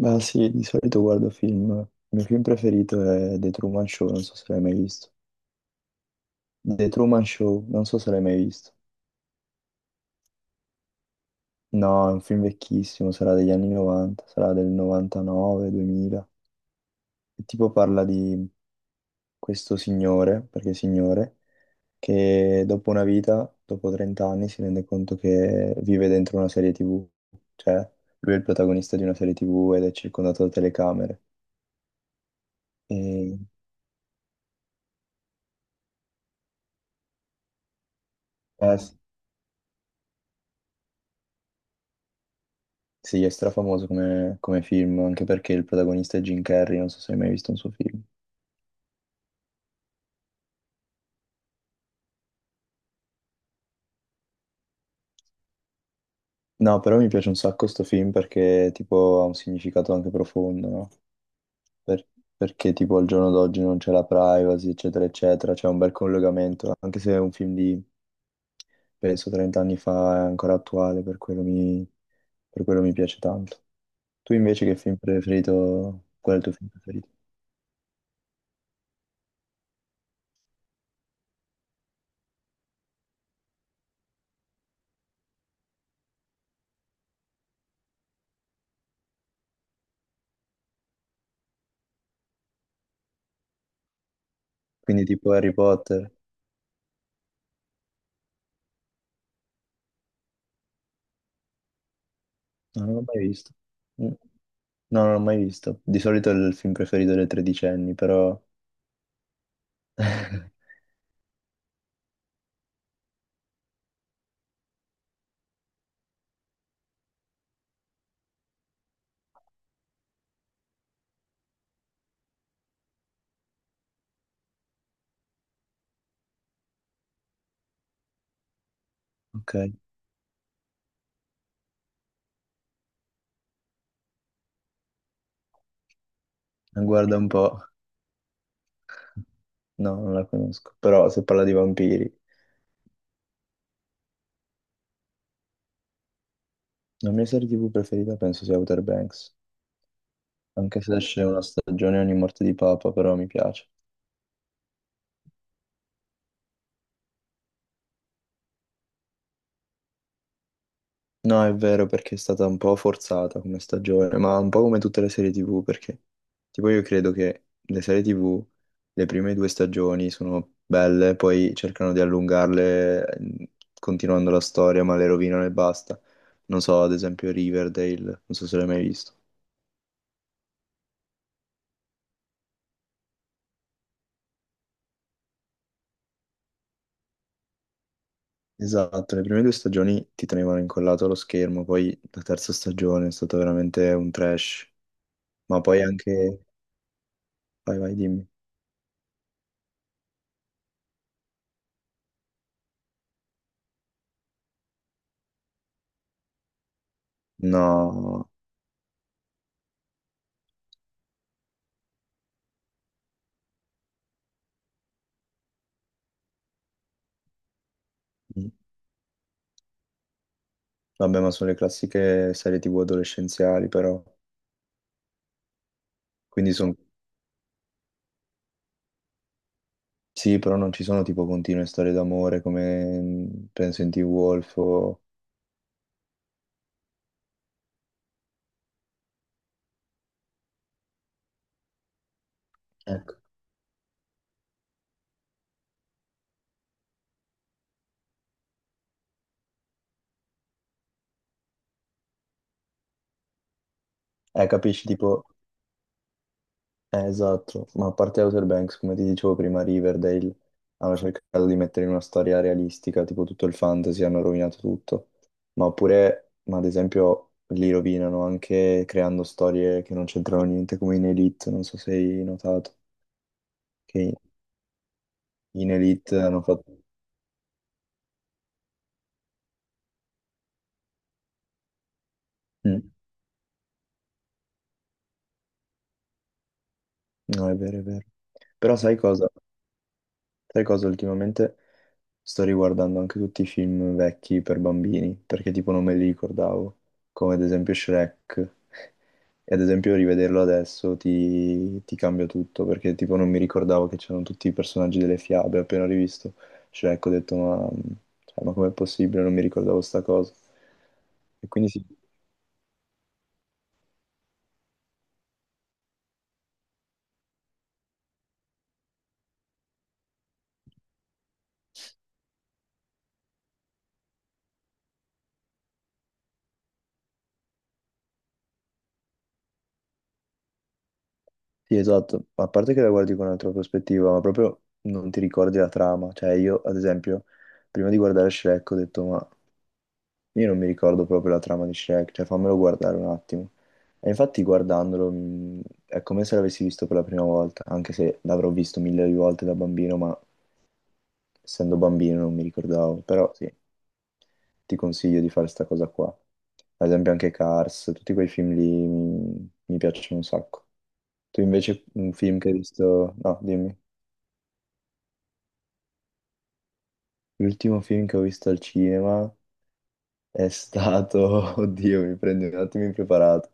Ma sì, di solito guardo film. Il mio film preferito è The Truman Show, non so se l'hai mai visto. The Truman Show, non so se l'hai mai visto. No, è un film vecchissimo, sarà degli anni 90, sarà del 99, 2000. E tipo parla di questo signore, perché è signore, che dopo una vita, dopo 30 anni, si rende conto che vive dentro una serie TV. Cioè, lui è il protagonista di una serie TV ed è circondato da telecamere. E... eh, sì. Sì, è strafamoso come film, anche perché il protagonista è Jim Carrey, non so se hai mai visto un suo film. No, però mi piace un sacco sto film perché tipo ha un significato anche profondo, no? Per- Perché tipo al giorno d'oggi non c'è la privacy, eccetera, eccetera, c'è un bel collegamento, anche se è un film di, penso, 30 anni fa, è ancora attuale, per quello mi piace tanto. Tu invece che film preferito, qual è il tuo film preferito? Quindi tipo Harry Potter? No, non l'ho mai visto. Mm. No, non l'ho mai visto. Di solito è il film preferito delle tredicenni, però. Ok, guarda un po'. No, non la conosco. Però se parla di vampiri. La mia serie TV preferita penso sia Outer Banks. Anche se esce una stagione ogni morte di Papa, però mi piace. No, è vero perché è stata un po' forzata come stagione, ma un po' come tutte le serie TV, perché tipo io credo che le serie TV, le prime due stagioni sono belle, poi cercano di allungarle continuando la storia, ma le rovinano e basta. Non so, ad esempio Riverdale, non so se l'hai mai visto. Esatto, le prime due stagioni ti tenevano incollato allo schermo, poi la terza stagione è stata veramente un trash, ma poi anche. Vai, vai, dimmi. No. Vabbè, ma sono le classiche serie TV adolescenziali, però. Quindi sono. Sì, però non ci sono tipo continue storie d'amore come penso in T-Wolf o. Ecco. Capisci, tipo. Esatto. Ma a parte Outer Banks, come ti dicevo prima, Riverdale hanno cercato di mettere in una storia realistica, tipo tutto il fantasy, hanno rovinato tutto. Ma ad esempio, li rovinano anche creando storie che non c'entrano niente, come in Elite, non so se hai notato, che in Elite hanno fatto. Mm. No, è vero, è vero. Però sai cosa? Sai cosa ultimamente? Sto riguardando anche tutti i film vecchi per bambini, perché tipo non me li ricordavo, come ad esempio Shrek. E ad esempio rivederlo adesso ti cambia tutto, perché tipo non mi ricordavo che c'erano tutti i personaggi delle fiabe. Appena rivisto Shrek ho detto cioè, ma com'è possibile? Non mi ricordavo sta cosa. E quindi sì. Sì, esatto, ma a parte che la guardi con un'altra prospettiva, ma proprio non ti ricordi la trama. Cioè, io, ad esempio, prima di guardare Shrek ho detto, ma io non mi ricordo proprio la trama di Shrek, cioè fammelo guardare un attimo. E infatti guardandolo è come se l'avessi visto per la prima volta, anche se l'avrò visto mille volte da bambino, ma essendo bambino non mi ricordavo. Però sì, ti consiglio di fare sta cosa qua. Ad esempio anche Cars, tutti quei film lì mi piacciono un sacco. Tu invece un film che hai visto. No, dimmi. L'ultimo film che ho visto al cinema è stato. Oddio, mi prendi un attimo impreparato.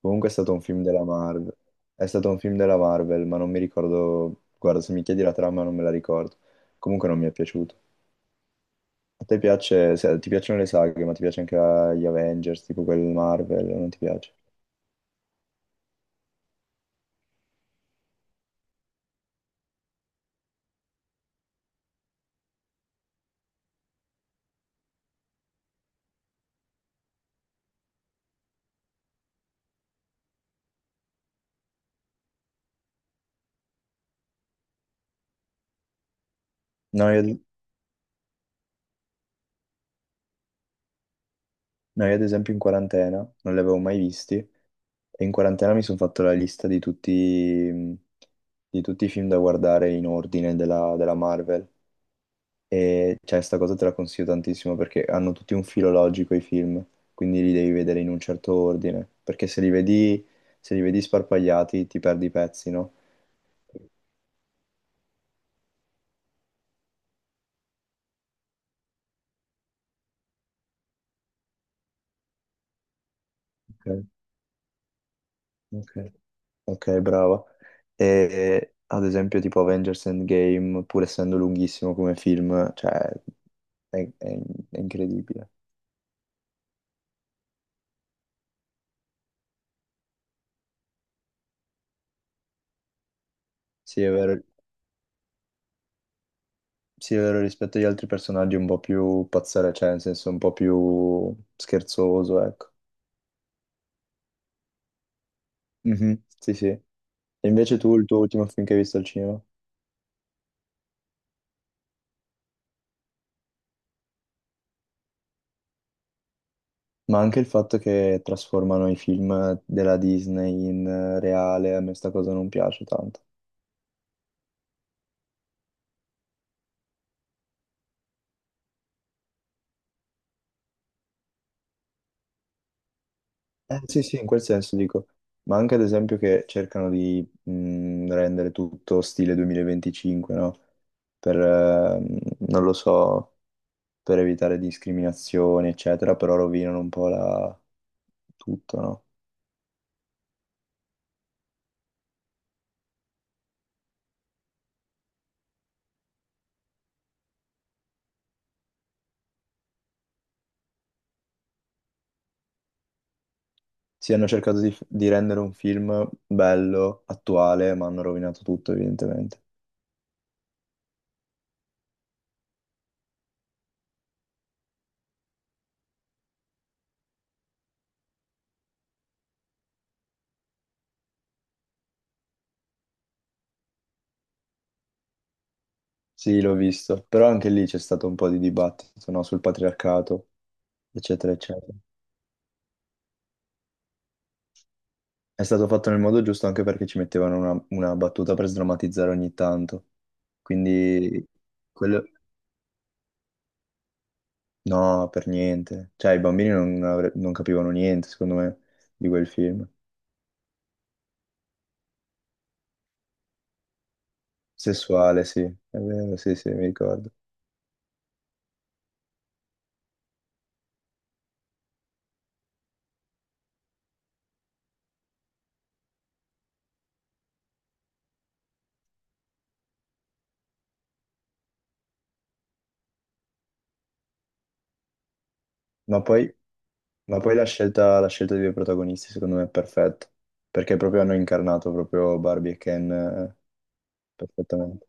Comunque è stato un film della Marvel. È stato un film della Marvel, ma non mi ricordo. Guarda, se mi chiedi la trama non me la ricordo. Comunque non mi è piaciuto. A te piace. Ti piacciono le saghe, ma ti piace anche gli Avengers, tipo quelli Marvel, o non ti piace? No, io, no, io, ad esempio in quarantena non li avevo mai visti. E in quarantena mi sono fatto la lista di tutti, mm, di tutti i film da guardare in ordine della Marvel. E cioè, sta cosa te la consiglio tantissimo perché hanno tutti un filo logico i film, quindi li devi vedere in un certo ordine. Perché se li vedi sparpagliati ti perdi i pezzi, no? Ok, ok. Ok, brava. E ad esempio tipo Avengers Endgame, pur essendo lunghissimo come film, cioè è, è- è incredibile. Sì, è vero. Sì, è vero, rispetto agli altri personaggi un po' più pazzare, cioè nel senso un po' più scherzoso, ecco. Mhm, sì, sì. E invece tu, il tuo ultimo film che hai visto al cinema? Ma anche il fatto che trasformano i film della Disney in reale, a me sta cosa non piace tanto. Sì, sì, in quel senso dico. Ma anche ad esempio che cercano di rendere tutto stile 2025, no? Per, ehm, non lo so per evitare discriminazioni, eccetera, però rovinano un po' tutto, no? Sì, hanno cercato di rendere un film bello, attuale, ma hanno rovinato tutto, evidentemente. Sì, l'ho visto, però anche lì c'è stato un po' di dibattito, no? Sul patriarcato, eccetera, eccetera. È stato fatto nel modo giusto anche perché ci mettevano una battuta per sdrammatizzare ogni tanto. Quindi, quello. No, per niente. Cioè, i bambini non capivano niente, secondo me, di quel film. Sessuale, sì, è vero, sì, sì, mi ricordo. Ma poi, ma poi, la scelta dei due protagonisti secondo me è perfetta, perché proprio hanno incarnato proprio Barbie e Ken perfettamente.